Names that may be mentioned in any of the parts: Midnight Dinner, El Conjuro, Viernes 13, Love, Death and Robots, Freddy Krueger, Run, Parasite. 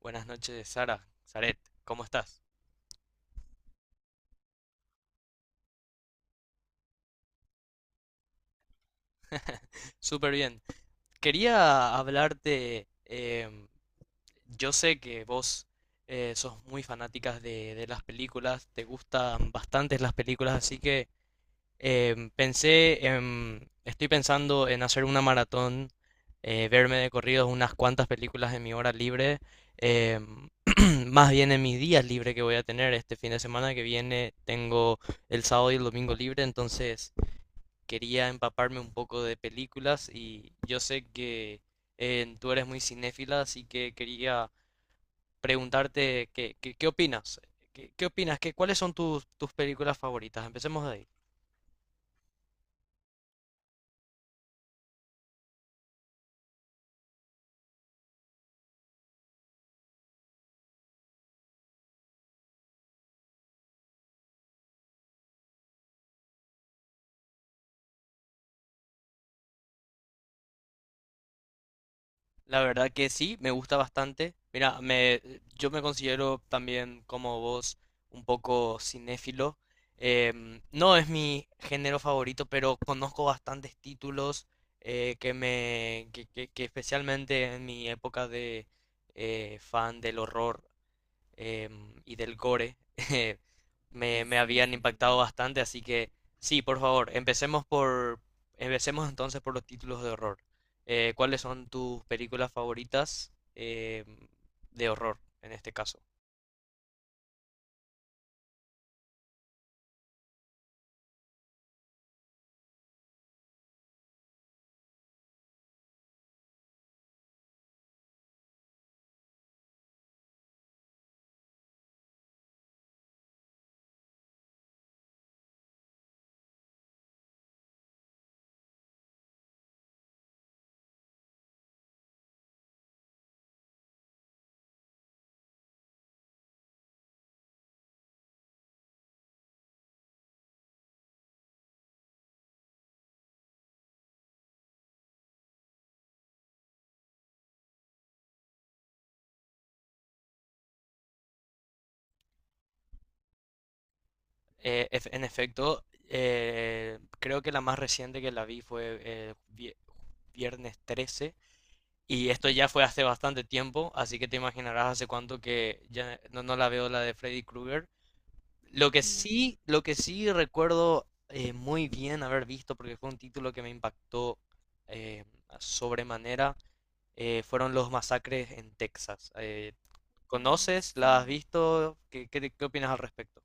Buenas noches, Sara, Saret, ¿cómo estás? Súper bien. Quería hablarte, yo sé que vos sos muy fanáticas de las películas, te gustan bastantes las películas, así que estoy pensando en hacer una maratón, verme de corridos unas cuantas películas en mi hora libre, em, más bien en mis días libres que voy a tener este fin de semana que viene, tengo el sábado y el domingo libre, entonces quería empaparme un poco de películas y yo sé que tú eres muy cinéfila, así que quería preguntarte qué opinas, cuáles son tus películas favoritas. Empecemos de ahí. La verdad que sí, me gusta bastante. Mira, yo me considero también como vos un poco cinéfilo. No es mi género favorito, pero conozco bastantes títulos que me que especialmente en mi época de fan del horror, y del gore me habían impactado bastante, así que sí, por favor, empecemos entonces por los títulos de horror. ¿Cuáles son tus películas favoritas de horror en este caso? En efecto, creo que la más reciente que la vi fue viernes 13. Y esto ya fue hace bastante tiempo, así que te imaginarás hace cuánto que ya no, no la veo la de Freddy Krueger. Lo que sí recuerdo muy bien haber visto, porque fue un título que me impactó eh, sobremanera, fueron los masacres en Texas. ¿Conoces? ¿La has visto? ¿Qué opinas al respecto?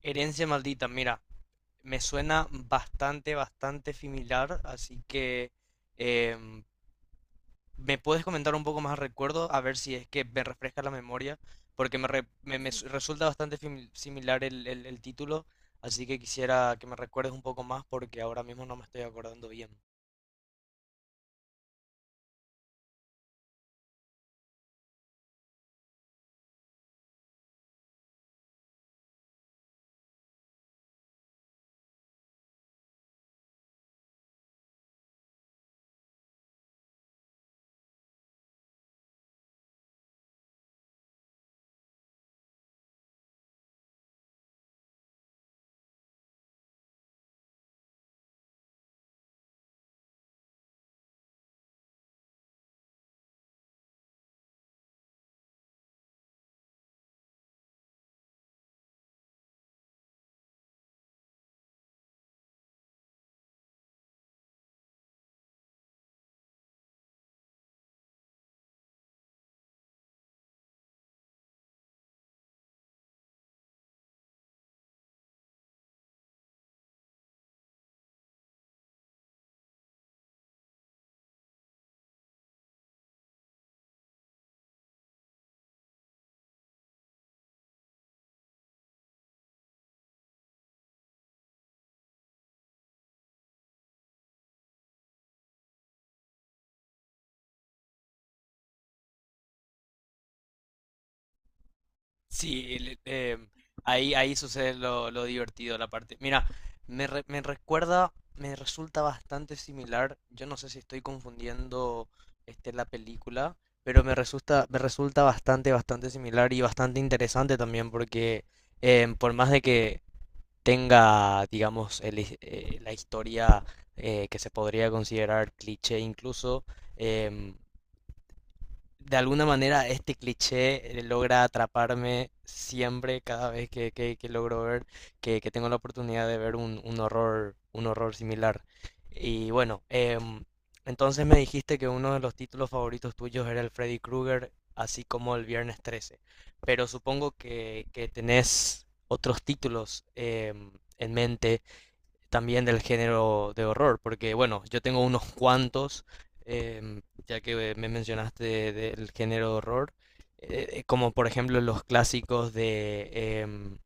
Herencia maldita, mira, me suena bastante, bastante similar, así que eh, ¿me puedes comentar un poco más al recuerdo? A ver si es que me refresca la memoria, porque me, re- me- me su- resulta bastante similar el título, así que quisiera que me recuerdes un poco más porque ahora mismo no me estoy acordando bien. Sí, el- eh, Ahí, ahí sucede lo divertido, la parte. Mira, me recuerda, me resulta bastante similar. Yo no sé si estoy confundiendo este, la película, pero me resulta bastante, bastante similar y bastante interesante también, porque por más de que tenga, digamos, la historia que se podría considerar cliché incluso, em, de alguna manera este cliché logra atraparme siempre cada vez que, que logro ver, que tengo la oportunidad de ver un horror similar. Y bueno, entonces me dijiste que uno de los títulos favoritos tuyos era el Freddy Krueger, así como el Viernes 13. Pero supongo que tenés otros títulos en mente también del género de horror, porque bueno, yo tengo unos cuantos, ya que me mencionaste del género de horror, como por ejemplo los clásicos de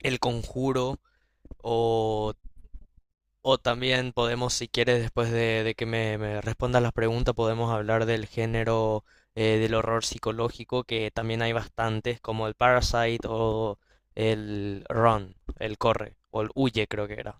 El Conjuro o, o también podemos, si quieres, después de que me respondas las preguntas, podemos hablar del género del horror psicológico, que también hay bastantes, como el Parasite o el Run, el Corre, o el Huye creo que era.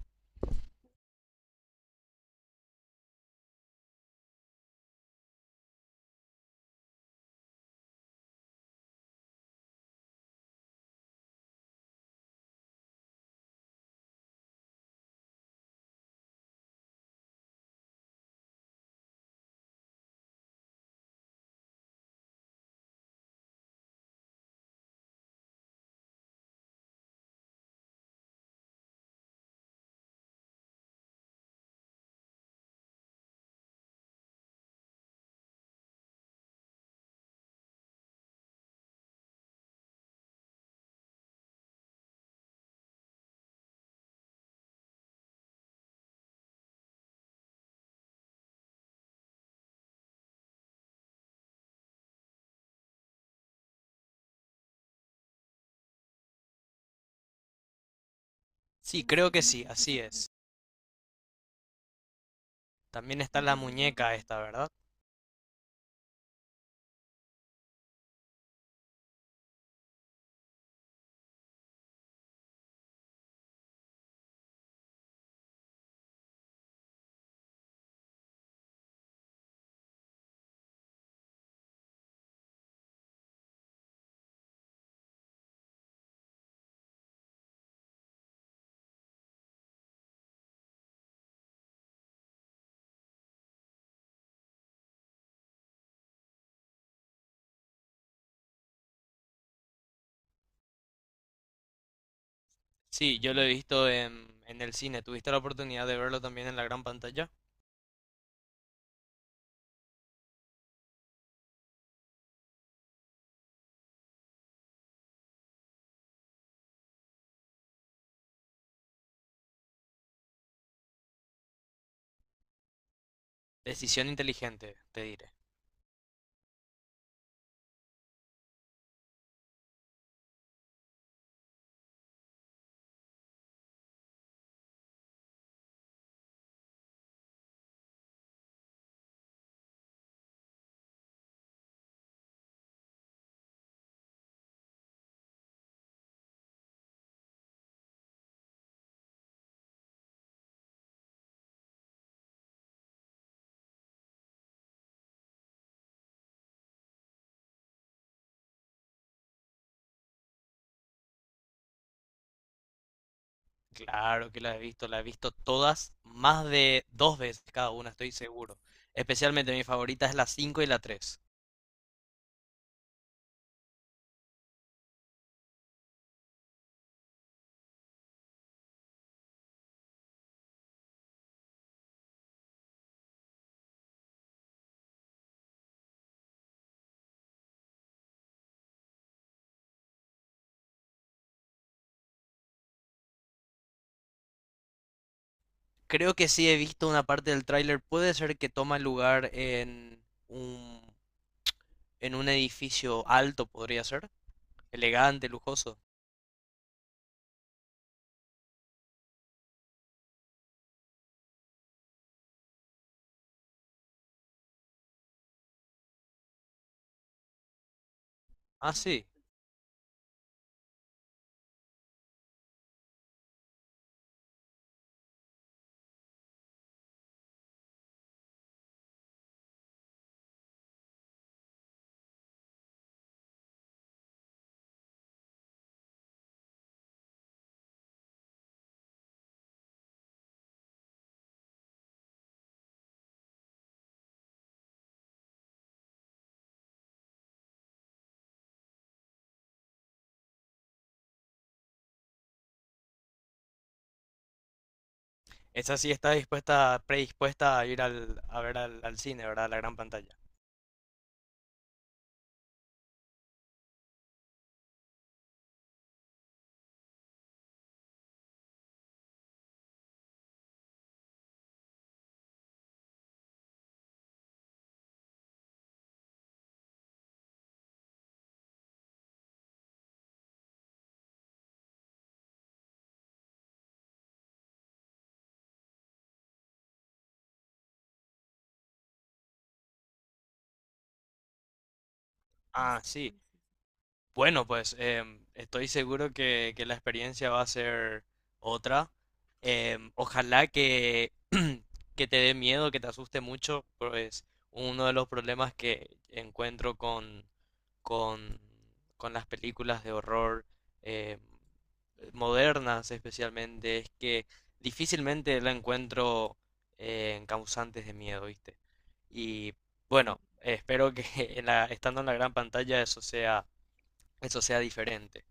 Sí, creo que sí, así es. También está la muñeca esta, ¿verdad? Sí, yo lo he visto en el cine. ¿Tuviste la oportunidad de verlo también en la gran pantalla? Decisión inteligente, te diré. Claro que la he visto todas, más de dos veces cada una, estoy seguro. Especialmente mi favorita es la cinco y la tres. Creo que sí he visto una parte del tráiler, puede ser que toma lugar en un edificio alto, podría ser. Elegante, lujoso. Ah, sí. Esa sí está dispuesta, predispuesta a ir al, a ver al, al cine, ¿verdad? A la gran pantalla. Ah, sí. Bueno, pues estoy seguro que la experiencia va a ser otra. Ojalá que, que te dé miedo, que te asuste mucho, pues uno de los problemas que encuentro con, con las películas de horror em, modernas especialmente es que difícilmente la encuentro en causantes de miedo, ¿viste? Y bueno, espero que estando en la gran pantalla eso sea diferente.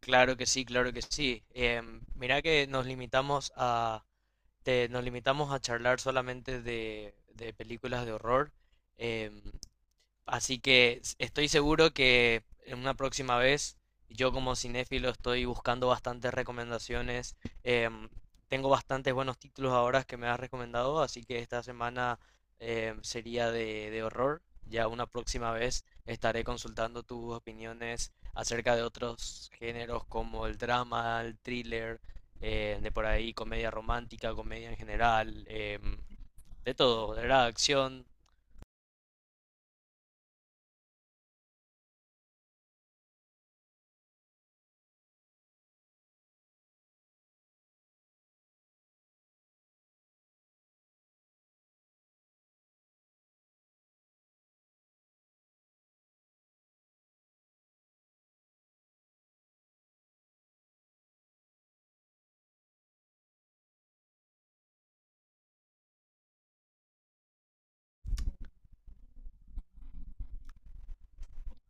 Claro que sí, claro que sí. Mira que nos limitamos a nos limitamos a charlar solamente de películas de horror. Em, así que estoy seguro que en una próxima vez, yo como cinéfilo estoy buscando bastantes recomendaciones. Em, tengo bastantes buenos títulos ahora que me has recomendado, así que esta semana sería de horror. Ya una próxima vez estaré consultando tus opiniones acerca de otros géneros como el drama, el thriller, de por ahí comedia romántica, comedia en general, de todo, de verdad, acción,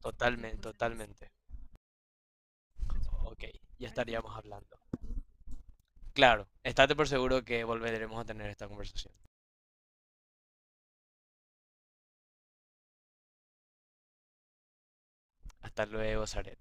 totalmente, totalmente. Ok, ya estaríamos hablando. Claro, estate por seguro que volveremos a tener esta conversación. Hasta luego, Zaret.